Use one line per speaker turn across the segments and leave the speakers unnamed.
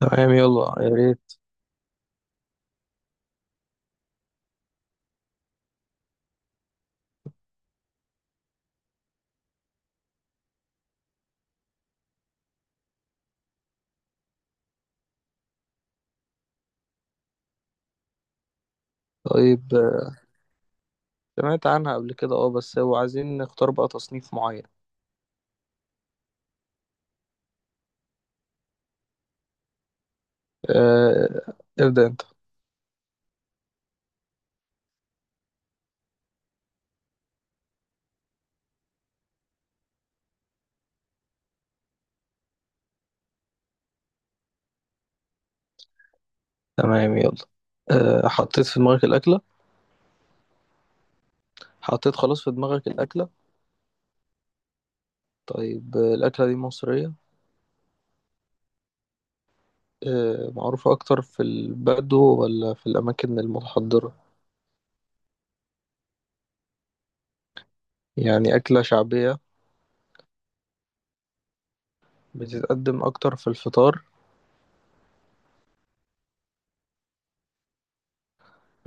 تمام، يلا يا ريت. طيب، سمعت عنها قبل كده. اه بس هو عايزين نختار بقى تصنيف معين. آه، ابدأ انت. تمام، يلا. حطيت في دماغك الأكلة؟ حطيت خلاص في دماغك الأكلة؟ طيب، الأكلة دي مصرية؟ معروفة أكتر في البدو ولا في الأماكن المتحضرة؟ يعني أكلة شعبية. بتتقدم أكتر في الفطار؟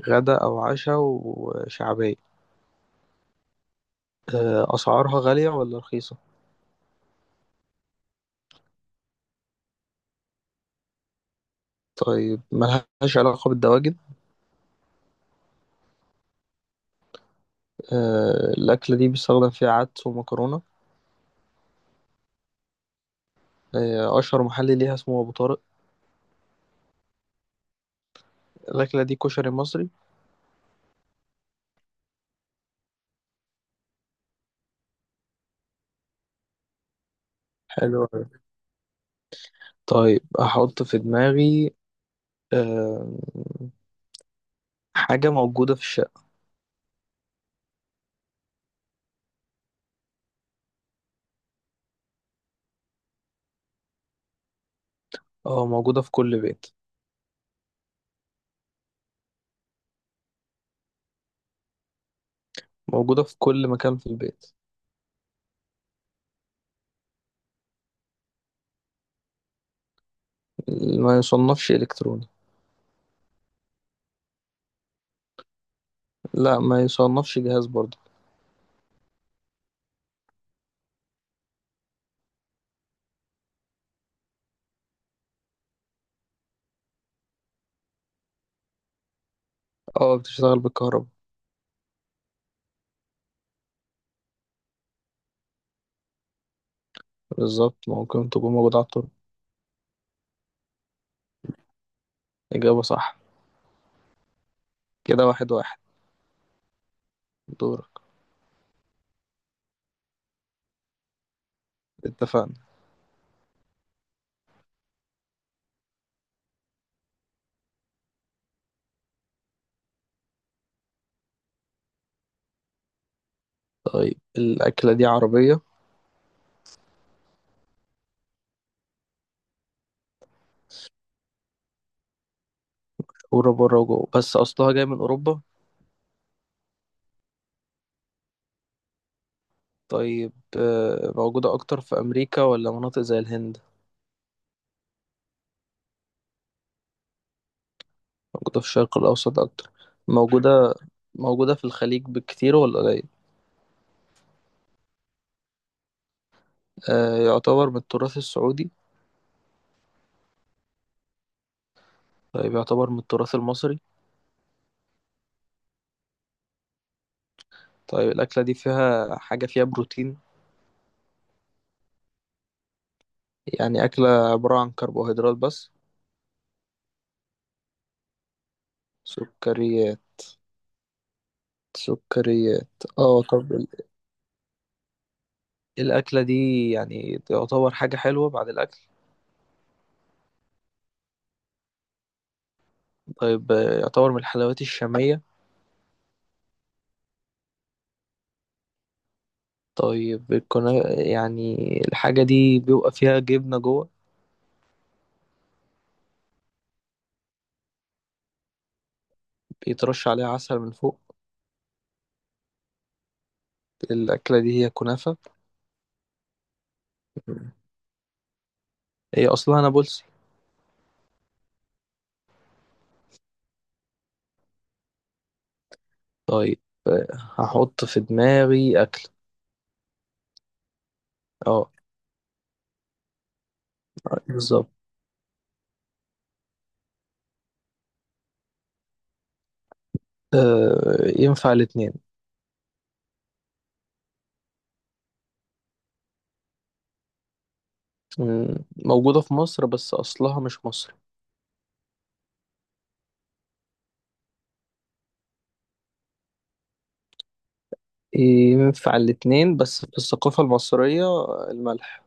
غدا أو عشاء وشعبية. أسعارها غالية ولا رخيصة؟ طيب، ملهاش علاقة بالدواجن؟ الأكلة دي بيستخدم فيها عدس ومكرونة. أشهر محل ليها اسمه أبو طارق. الأكلة دي كشري مصري. حلو أوي. طيب، أحط في دماغي آه، حاجة موجودة في الشقة. أه، موجودة في كل بيت. موجودة في كل مكان في البيت. ما يصنفش إلكتروني. لا، ما يصنفش جهاز برضه. أه، بتشتغل بالكهرباء. بالظبط، ممكن تكون موجودة على الطرق. إجابة صح. كده واحد واحد. دورك. اتفقنا. طيب، الأكلة دي عربية. ورا بره وجوه، بس أصلها جاي من أوروبا. طيب، موجودة أكتر في أمريكا ولا مناطق زي الهند؟ موجودة في الشرق الأوسط أكتر. موجودة. موجودة في الخليج بالكتير ولا قليل؟ يعتبر من التراث السعودي؟ طيب، يعتبر من التراث المصري؟ طيب، الأكلة دي فيها حاجة فيها بروتين؟ يعني أكلة عبارة عن كربوهيدرات بس. سكريات. سكريات. اه طب الأكلة دي يعني تعتبر حاجة حلوة بعد الأكل. طيب، يعتبر من الحلويات الشامية؟ طيب كنا يعني. الحاجة دي بيبقى فيها جبنة جوه. بيترش عليها عسل من فوق. الأكلة دي هي كنافة. هي أصلها نابلسي. طيب، هحط في دماغي أكل. اه. بالظبط. ينفع الاتنين. مم، موجودة في مصر بس أصلها مش مصري. ينفع الاتنين، بس في الثقافة المصرية الملح.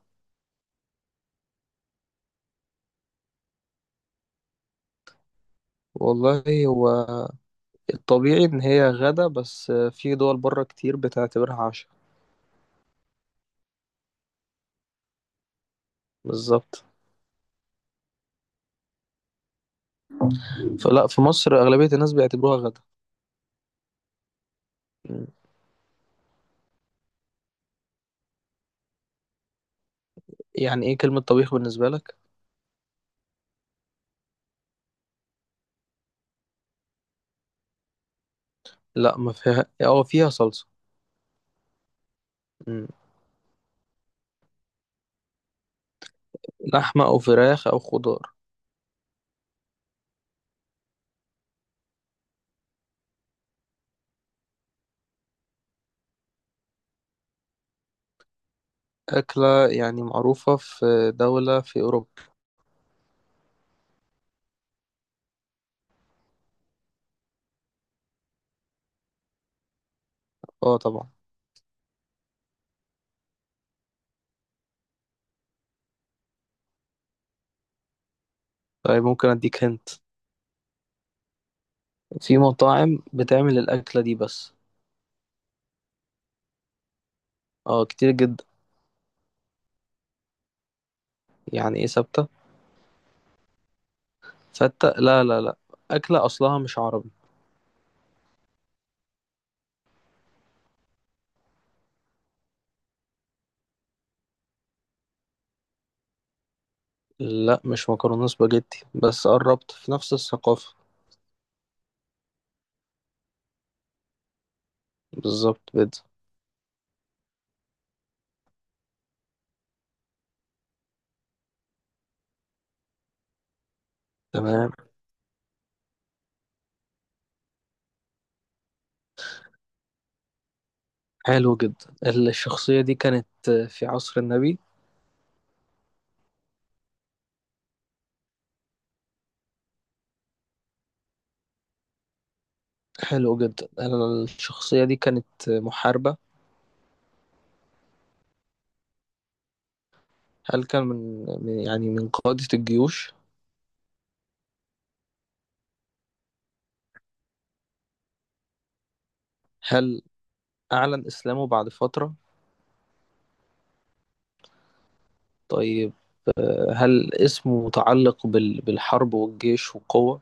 والله هو الطبيعي إن هي غدا، بس في دول بره كتير بتعتبرها عشاء. بالظبط. فلا، في مصر أغلبية الناس بيعتبروها غدا. مم. يعني إيه كلمة طبيخ بالنسبة لك؟ لا، ما فيها أو فيها صلصة. مم. لحمة أو فراخ أو خضار. أكلة يعني معروفة في دولة في أوروبا. أه طبعا. طيب، ممكن أديك هنت. في مطاعم بتعمل الأكلة دي بس. أه، كتير جدا. يعني إيه ثابتة؟ فتة، لا لا لا. أكلة أصلها مش عربي. لا، مش مكرونة سباجيتي، بس قربت في نفس الثقافة. بالظبط، بيتزا. تمام. حلو جدا. الشخصية دي كانت في عصر النبي. حلو جدا. الشخصية دي كانت محاربة. هل كان يعني من قادة الجيوش؟ هل أعلن إسلامه بعد فترة؟ طيب، هل اسمه متعلق بالحرب والجيش والقوة؟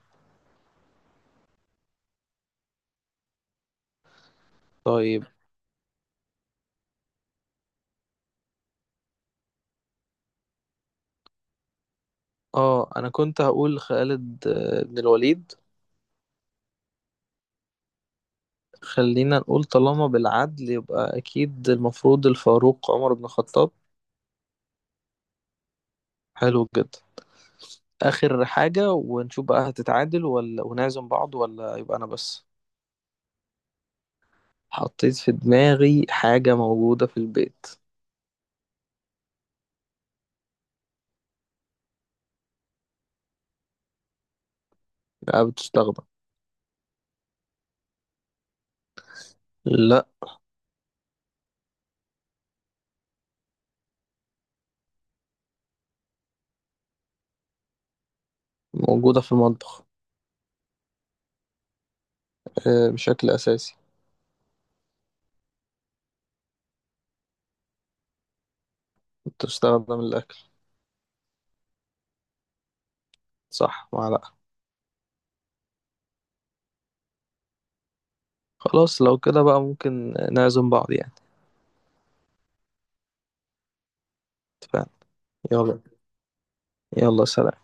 طيب، أنا كنت هقول خالد بن الوليد. خلينا نقول طالما بالعدل يبقى أكيد المفروض الفاروق عمر بن الخطاب. حلو جدا. آخر حاجة ونشوف بقى هتتعادل ولا ونعزم بعض ولا يبقى أنا بس. حطيت في دماغي حاجة موجودة في البيت. لا، بتستخدم. لا. موجودة في المطبخ. بشكل أساسي. بتستخدم الأكل. صح، معلقة. خلاص، لو كده بقى ممكن نعزم بعض يعني. اتفقنا. يلا. يلا، سلام.